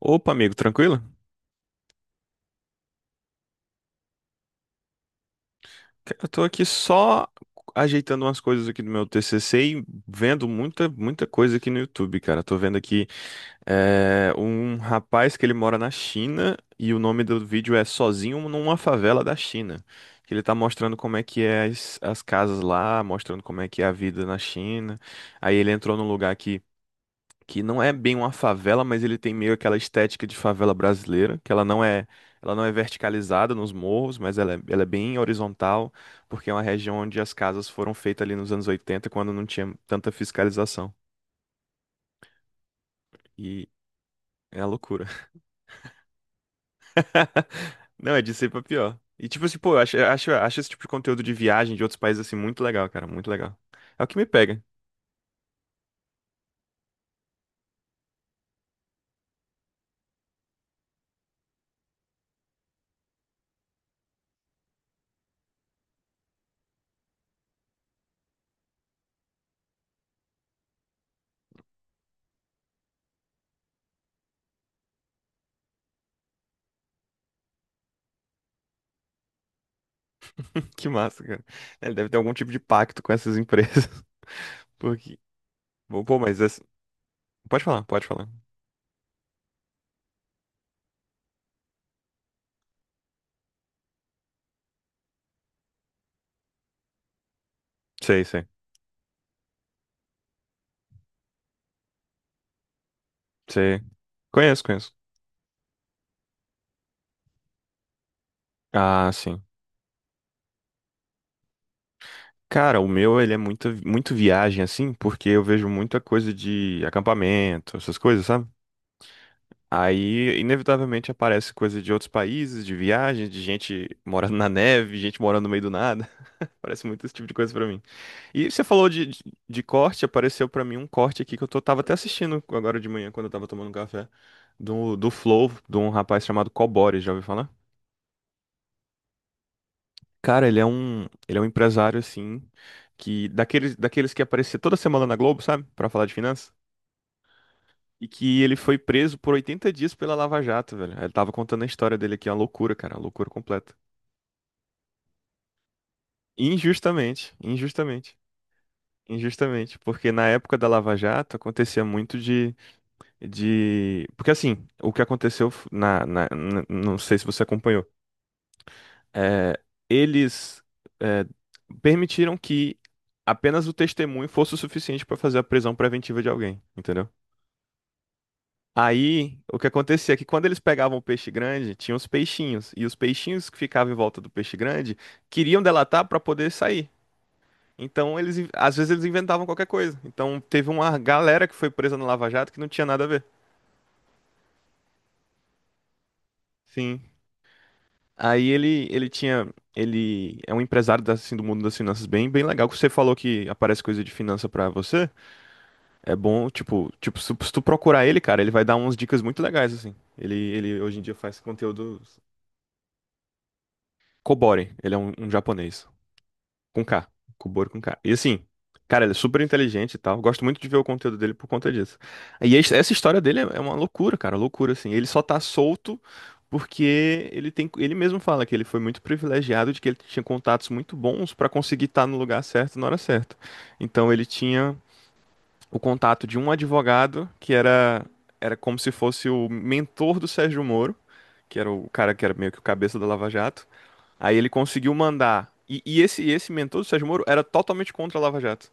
Opa, amigo, tranquilo? Cara, eu tô aqui só ajeitando umas coisas aqui do meu TCC e vendo muita coisa aqui no YouTube, cara. Tô vendo aqui um rapaz que ele mora na China e o nome do vídeo é Sozinho Numa Favela da China. Que ele tá mostrando como é que é as casas lá, mostrando como é que é a vida na China. Aí ele entrou num lugar que não é bem uma favela, mas ele tem meio aquela estética de favela brasileira, que ela não é verticalizada nos morros, mas ela é bem horizontal, porque é uma região onde as casas foram feitas ali nos anos 80, quando não tinha tanta fiscalização. E é a loucura. Não, é de ser pra pior. E tipo assim, pô, eu acho esse tipo de conteúdo de viagem de outros países assim muito legal, cara, muito legal. É o que me pega. Que massa, cara. É, ele deve ter algum tipo de pacto com essas empresas. Porque, pô, mas assim, pode falar, pode falar. Sei, sei. Sei. Conheço, conheço. Ah, sim. Cara, o meu, ele é muito viagem, assim, porque eu vejo muita coisa de acampamento, essas coisas, sabe? Aí, inevitavelmente, aparece coisa de outros países, de viagem, de gente morando na neve, gente morando no meio do nada. Parece muito esse tipo de coisa pra mim. E você falou de corte, apareceu pra mim um corte aqui que tava até assistindo agora de manhã, quando eu tava tomando um café, do Flow, de um rapaz chamado Cobori, já ouviu falar? Cara, ele é um empresário, assim, daqueles que aparecia toda semana na Globo, sabe? Pra falar de finanças. E que ele foi preso por 80 dias pela Lava Jato, velho. Ele tava contando a história dele aqui, é uma loucura, cara, uma loucura completa. Injustamente, injustamente, injustamente. Porque na época da Lava Jato acontecia muito de... Porque assim, o que aconteceu não sei se você acompanhou, eh, eles eh, permitiram que apenas o testemunho fosse o suficiente para fazer a prisão preventiva de alguém, entendeu? Aí, o que acontecia é que quando eles pegavam o peixe grande, tinha os peixinhos, e os peixinhos que ficavam em volta do peixe grande queriam delatar para poder sair. Então, eles, às vezes eles inventavam qualquer coisa. Então, teve uma galera que foi presa no Lava Jato que não tinha nada a ver. Sim. Ele tinha, ele é um empresário assim, do mundo das finanças bem legal. Que você falou que aparece coisa de finança pra você. É bom, tipo, se tu procurar ele, cara, ele vai dar umas dicas muito legais, assim. Ele hoje em dia faz conteúdo. Kobori, ele é um japonês. Com K. Kobori com K. E assim, cara, ele é super inteligente e tal. Gosto muito de ver o conteúdo dele por conta disso. Essa história dele é uma loucura, cara, loucura, assim. Ele só tá solto porque ele tem. Ele mesmo fala que ele foi muito privilegiado de que ele tinha contatos muito bons pra conseguir estar no lugar certo na hora certa. Então ele tinha o contato de um advogado era como se fosse o mentor do Sérgio Moro, que era o cara que era meio que o cabeça da Lava Jato. Aí ele conseguiu mandar. E esse mentor do Sérgio Moro era totalmente contra a Lava Jato.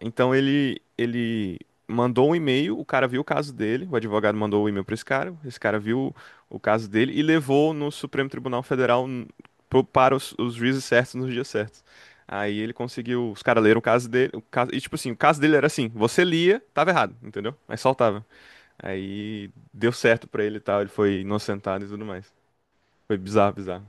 Então ele mandou um e-mail, o cara viu o caso dele, o advogado mandou o e-mail para esse cara viu o caso dele e levou no Supremo Tribunal Federal para os juízes certos nos dias certos. Aí ele conseguiu, os caras leram o caso dele, o caso, e tipo assim, o caso dele era assim, você lia, tava errado, entendeu? Mas soltava. Aí deu certo pra ele e tal, ele foi inocentado e tudo mais. Foi bizarro, bizarro.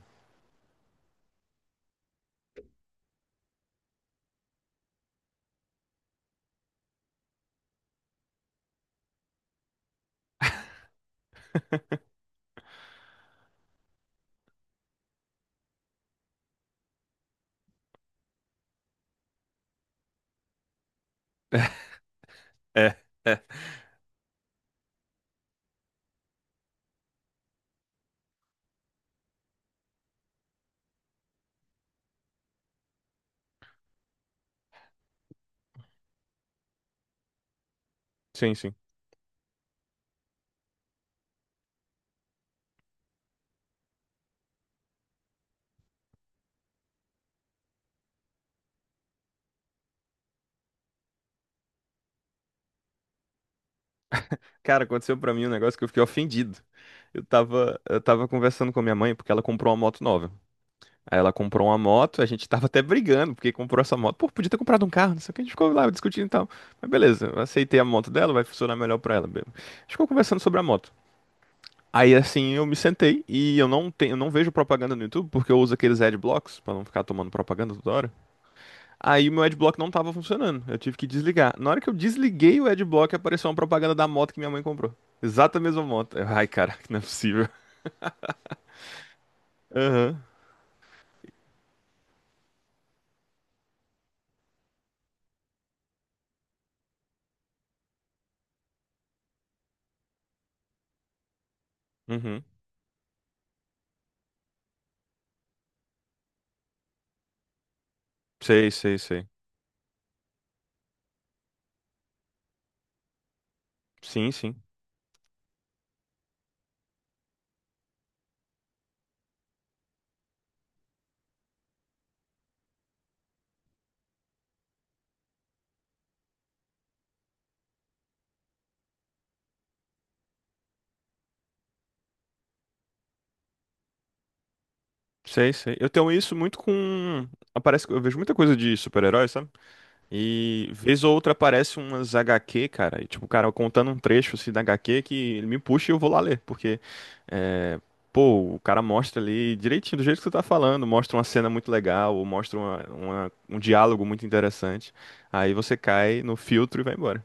É, é. Sim, sim. Cara, aconteceu pra mim um negócio que eu fiquei ofendido. Eu tava conversando com a minha mãe porque ela comprou uma moto nova. Aí ela comprou uma moto, a gente tava até brigando porque comprou essa moto. Pô, podia ter comprado um carro, não sei o que, a gente ficou lá discutindo e tal. Mas beleza, eu aceitei a moto dela, vai funcionar melhor pra ela. A gente ficou conversando sobre a moto. Aí assim eu me sentei e eu não vejo propaganda no YouTube porque eu uso aqueles adblocks pra não ficar tomando propaganda toda hora. Aí o meu adblock não tava funcionando. Eu tive que desligar. Na hora que eu desliguei o adblock, apareceu uma propaganda da moto que minha mãe comprou. Exata mesma moto. Eu, ai, caraca, não é possível. Aham. Uhum. Sei, sei, sei. Sim, sim. Sei, sei. Eu tenho isso muito com. Aparece, eu vejo muita coisa de super-herói, sabe? E vez ou outra aparece umas HQ, cara, e tipo, o cara contando um trecho assim da HQ que ele me puxa e eu vou lá ler, porque é, pô, o cara mostra ali direitinho do jeito que você tá falando, mostra uma cena muito legal, ou mostra um diálogo muito interessante. Aí você cai no filtro e vai embora.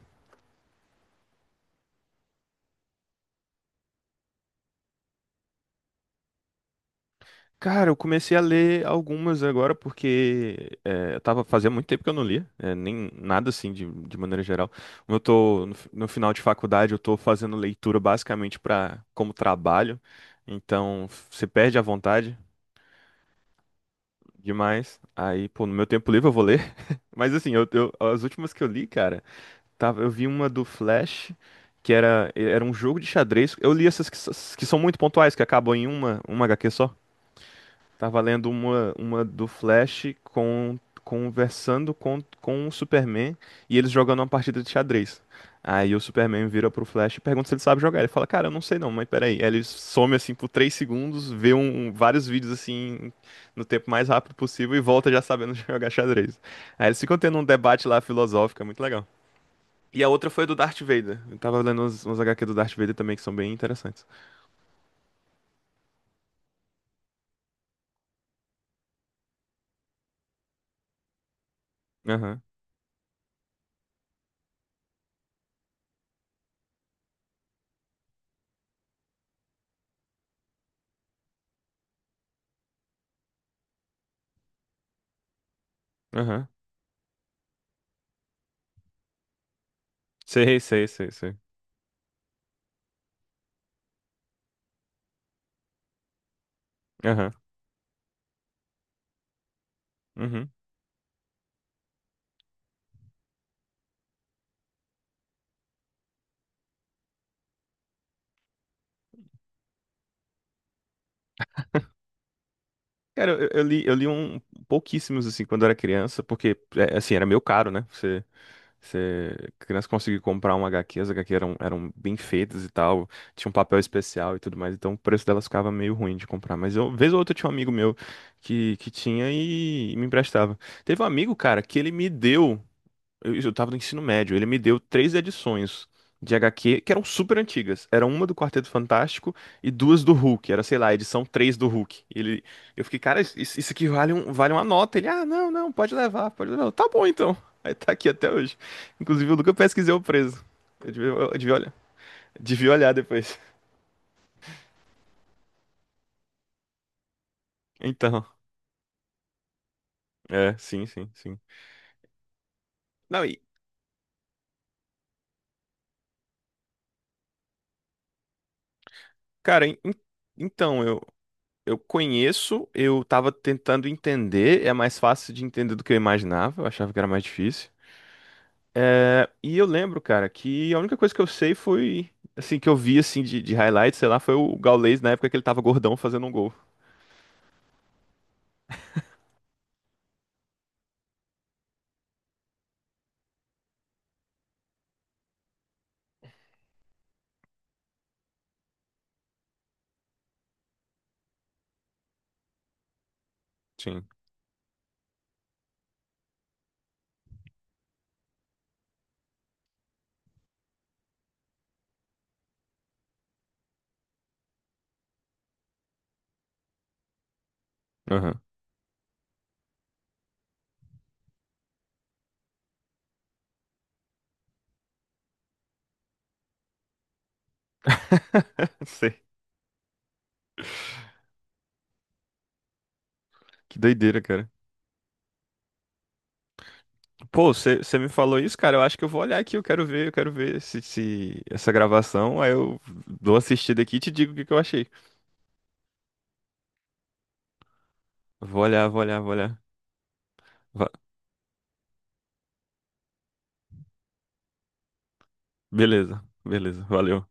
Cara, eu comecei a ler algumas agora porque eu tava fazia muito tempo que eu não lia, nem nada assim de maneira geral. Como eu tô no, no final de faculdade, eu tô fazendo leitura basicamente para como trabalho, então você perde a vontade demais. Aí, pô, no meu tempo livre eu vou ler, mas assim, as últimas que eu li, cara, tava, eu vi uma do Flash que era um jogo de xadrez. Eu li essas que são muito pontuais, que acabam em uma HQ só. Tava lendo uma do Flash com, conversando com o Superman e eles jogando uma partida de xadrez. Aí o Superman vira pro Flash e pergunta se ele sabe jogar. Ele fala, cara, eu não sei não, mas peraí. Aí ele some assim por 3 segundos, vê vários vídeos assim no tempo mais rápido possível e volta já sabendo jogar xadrez. Aí eles ficam tendo um debate lá filosófico, é muito legal. E a outra foi a do Darth Vader. Eu tava lendo uns HQ do Darth Vader também que são bem interessantes. Aham, aham. Sei, sei, sei, sei. Aham, uhum. Cara, eu li um pouquíssimos assim quando eu era criança, porque é, assim, era meio caro, né? Você, você criança conseguir comprar uma HQ, as HQ eram bem feitas e tal, tinha um papel especial e tudo mais, então o preço delas ficava meio ruim de comprar. Mas eu, vez ou outra, tinha um amigo meu que tinha e me emprestava. Teve um amigo, cara, que ele me deu. Eu tava no ensino médio. Ele me deu 3 edições de HQ que eram super antigas. Era uma do Quarteto Fantástico e duas do Hulk. Era, sei lá, a edição 3 do Hulk. Ele, eu fiquei, cara, isso aqui vale, um, vale uma nota. Ele, ah, não, não, pode levar, pode levar. Eu, tá bom então. Aí tá aqui até hoje. Inclusive, o Luca pesquisei o preço. Eu devia olhar depois. Então, é, sim, sim, sim. Não, e, cara, então, eu conheço, eu tava tentando entender, é mais fácil de entender do que eu imaginava, eu achava que era mais difícil. É, e eu lembro, cara, que a única coisa que eu sei foi, assim, que eu vi, assim, de highlight, sei lá, foi o Gaules na época que ele tava gordão fazendo um gol. Sim. Aham. Sei. Que doideira, cara. Pô, você me falou isso, cara, eu acho que eu vou olhar aqui, eu quero ver se, se essa gravação, aí eu dou uma assistida aqui e te digo o que que eu achei. Vou olhar. Va- Beleza, beleza, valeu.